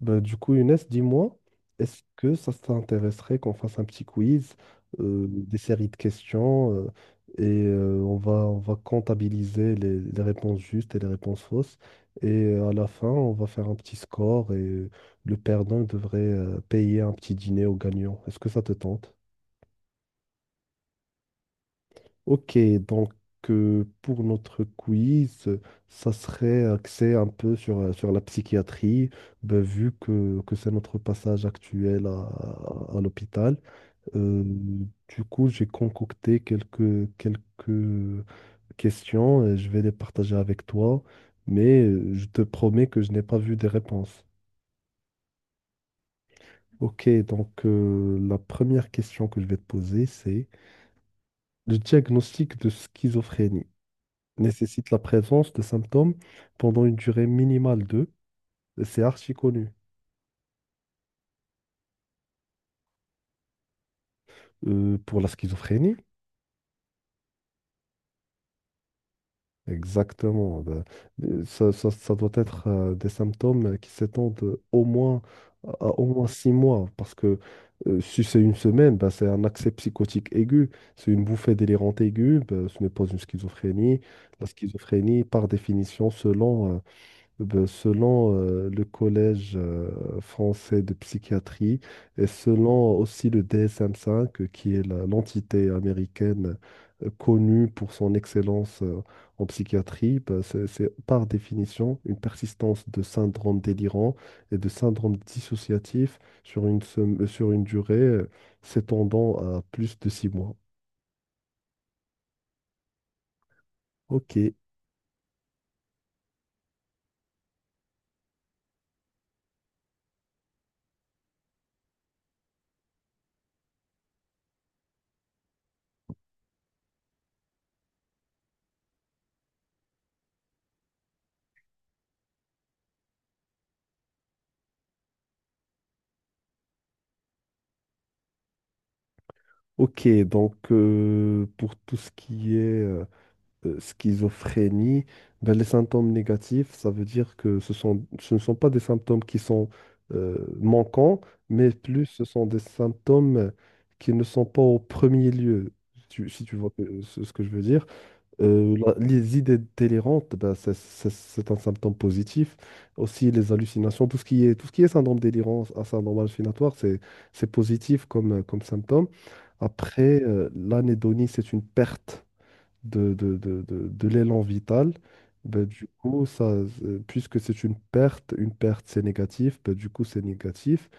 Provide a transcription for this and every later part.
Younes, dis-moi, est-ce que ça t'intéresserait qu'on fasse un petit quiz, des séries de questions, on va comptabiliser les réponses justes et les réponses fausses. À la fin, on va faire un petit score et le perdant devrait payer un petit dîner au gagnant. Est-ce que ça te tente? Ok, donc pour notre quiz, ça serait axé un peu sur, sur la psychiatrie. Ben, vu que, c'est notre passage actuel à, l'hôpital. Du coup, j'ai concocté quelques questions et je vais les partager avec toi, mais je te promets que je n'ai pas vu des réponses. Ok, donc la première question que je vais te poser, c'est: le diagnostic de schizophrénie nécessite la présence de symptômes pendant une durée minimale de, c'est archi connu. Pour la schizophrénie, exactement. Ben, ça, ça doit être des symptômes qui s'étendent au moins à au moins 6 mois, parce que si c'est une semaine, ben, c'est un accès psychotique aigu, c'est une bouffée délirante aiguë, ben, ce n'est pas une schizophrénie. La schizophrénie, par définition, selon le Collège français de psychiatrie et selon aussi le DSM-5, qui est l'entité américaine connue pour son excellence en psychiatrie, ben, c'est par définition une persistance de syndrome délirant et de syndrome dissociatif sur une, sur une durée s'étendant à plus de 6 mois. Ok, ok, donc pour tout ce qui est... schizophrénie, ben, les symptômes négatifs, ça veut dire que ce ne sont pas des symptômes qui sont manquants, mais plus ce sont des symptômes qui ne sont pas au premier lieu, si si tu vois ce que je veux dire. Les idées délirantes, ben, c'est un symptôme positif. Aussi les hallucinations, tout ce qui est syndrome délirant, un syndrome hallucinatoire, c'est positif comme, comme symptôme. Après, l'anédonie, c'est une perte de l'élan vital, ben, puisque c'est une perte c'est négatif, ben, du coup c'est négatif,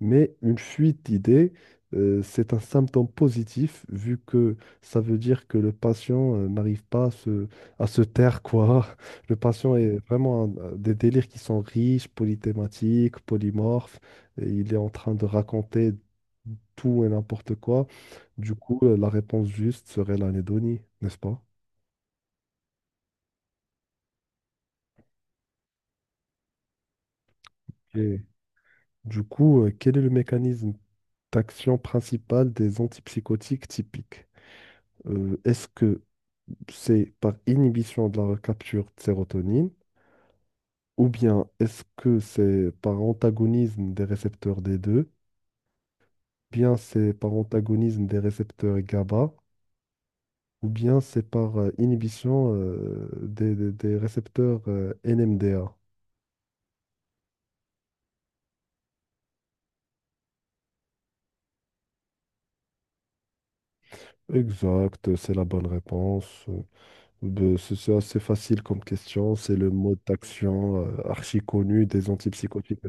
mais une fuite d'idées, c'est un symptôme positif, vu que ça veut dire que le patient n'arrive pas à à se taire, quoi. Le patient est vraiment des délires qui sont riches, polythématiques, polymorphes, et il est en train de raconter tout et n'importe quoi. Du coup, la réponse juste serait l'anédonie, n'est-ce pas? Ok. Du coup, quel est le mécanisme d'action principal des antipsychotiques typiques? Est-ce que c'est par inhibition de la recapture de sérotonine, ou bien est-ce que c'est par antagonisme des récepteurs D2, bien c'est par antagonisme des récepteurs GABA, ou bien c'est par inhibition des récepteurs NMDA? Exact, c'est la bonne réponse. Ben, c'est assez facile comme question. C'est le mode d'action archi connu des antipsychotiques.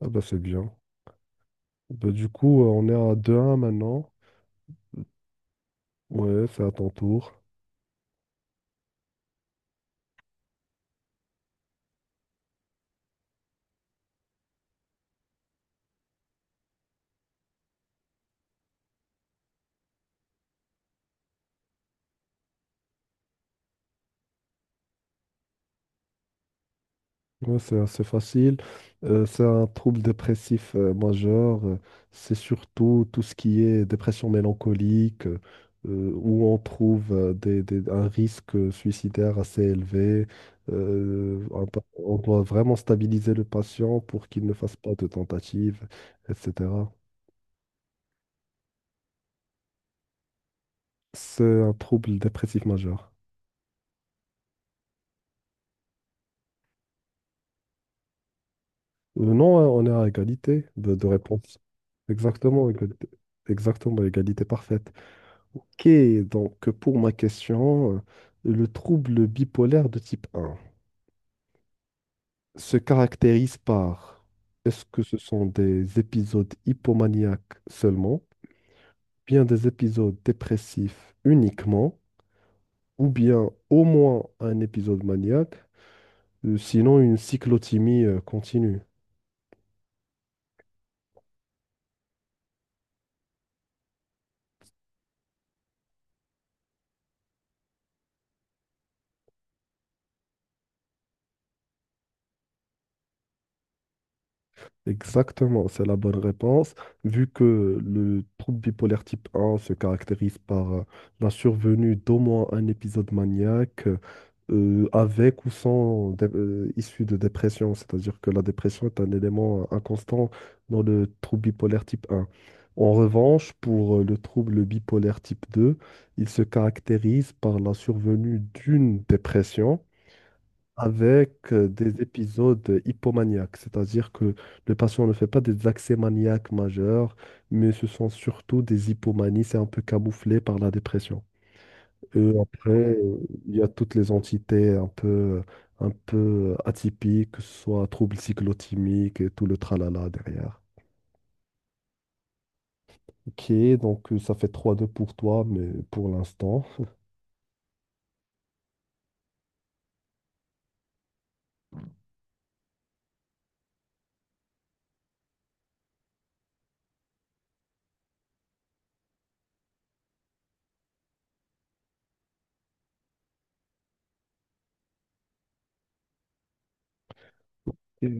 Ah bah c'est bien. Ben, du coup, on est à 2-1 maintenant. Ouais, c'est à ton tour. Ouais, c'est assez facile. C'est un trouble dépressif majeur. C'est surtout tout ce qui est dépression mélancolique, où on trouve un risque suicidaire assez élevé. On doit vraiment stabiliser le patient pour qu'il ne fasse pas de tentatives, etc. C'est un trouble dépressif majeur. Non, hein, on est à égalité de réponse. Exactement, égalité, exactement, égalité parfaite. Ok, donc pour ma question, le trouble bipolaire de type 1 se caractérise par, est-ce que ce sont des épisodes hypomaniaques seulement, bien des épisodes dépressifs uniquement, ou bien au moins un épisode maniaque, sinon une cyclothymie continue? Exactement, c'est la bonne réponse. Vu que le trouble bipolaire type 1 se caractérise par la survenue d'au moins un épisode maniaque avec ou sans issue de dépression, c'est-à-dire que la dépression est un élément inconstant dans le trouble bipolaire type 1. En revanche, pour le trouble bipolaire type 2, il se caractérise par la survenue d'une dépression avec des épisodes hypomaniaques, c'est-à-dire que le patient ne fait pas des accès maniaques majeurs, mais ce sont surtout des hypomanies, c'est un peu camouflé par la dépression. Et après, il y a toutes les entités un peu atypiques, que ce soit troubles cyclotimiques et tout le tralala derrière. Ok, donc ça fait 3-2 pour toi, mais pour l'instant. Et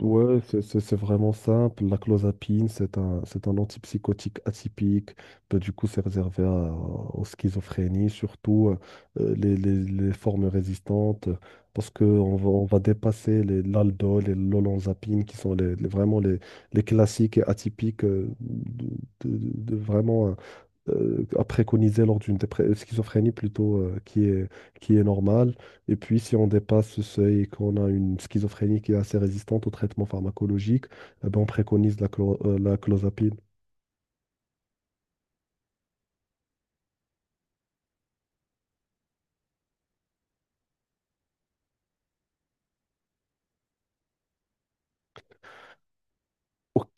Ouais, c'est vraiment simple. La clozapine, c'est un antipsychotique atypique. Bah, du coup, c'est réservé aux schizophrénies, surtout les formes résistantes, parce qu'on va, on va dépasser les l'aldol et l'olanzapine, qui sont vraiment les classiques et atypiques de vraiment à préconiser lors d'une schizophrénie plutôt qui est normale. Et puis, si on dépasse ce seuil et qu'on a une schizophrénie qui est assez résistante au traitement pharmacologique, eh ben, on préconise la clozapine. Ok,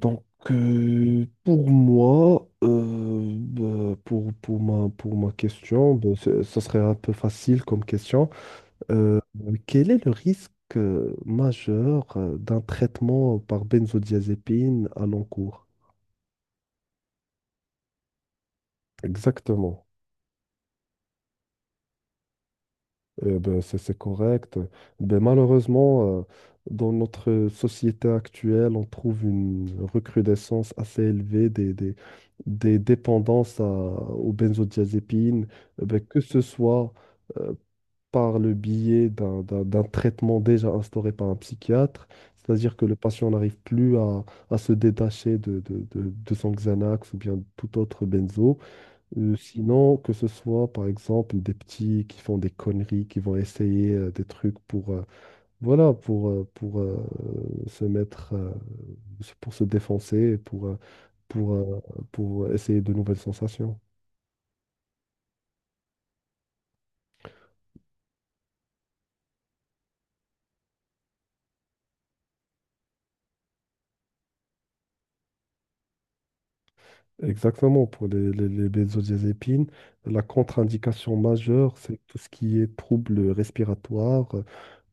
donc pour moi, bah, pour ma question, bah, ça serait un peu facile comme question. Euh, Quel est le risque majeur d'un traitement par benzodiazépine à long cours? Exactement. Eh ben, c'est correct. Ben, malheureusement, dans notre société actuelle, on trouve une recrudescence assez élevée des dépendances aux benzodiazépines. Eh ben, que ce soit euh, par le biais d'un traitement déjà instauré par un psychiatre, c'est-à-dire que le patient n'arrive plus à se détacher de son Xanax ou bien tout autre benzo. Sinon, que ce soit par exemple des petits qui font des conneries, qui vont essayer des trucs pour, voilà, pour, se mettre, pour se défoncer, et pour, pour, euh, pour essayer de nouvelles sensations. Exactement, pour les benzodiazépines, la contre-indication majeure, c'est tout ce qui est troubles respiratoires,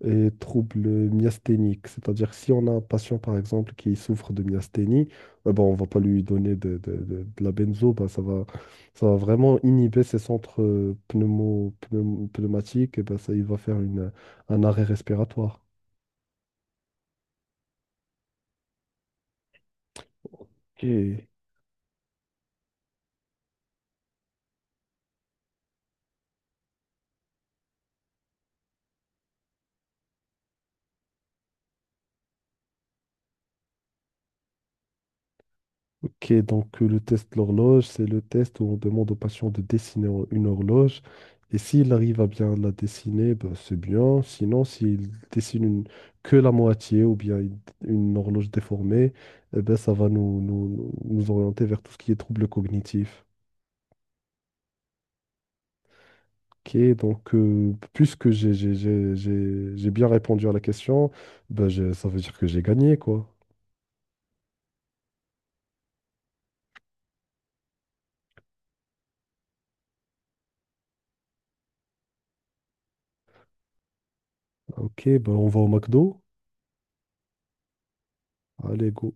et troubles myasthéniques. C'est-à-dire, si on a un patient, par exemple, qui souffre de myasthénie, eh ben, on va pas lui donner de la benzo, ben, ça va vraiment inhiber ses centres pneumatiques, et ben, ça, il va faire une, un arrêt respiratoire. Ok. Ok, donc le test de l'horloge, c'est le test où on demande au patient de dessiner une horloge. Et s'il arrive à bien la dessiner, ben, c'est bien. Sinon, s'il dessine que la moitié ou bien une horloge déformée, eh ben, ça va nous orienter vers tout ce qui est troubles cognitifs. Ok, donc puisque j'ai bien répondu à la question, ben, ça veut dire que j'ai gagné, quoi. Ok, ben, on va au McDo. Allez, go.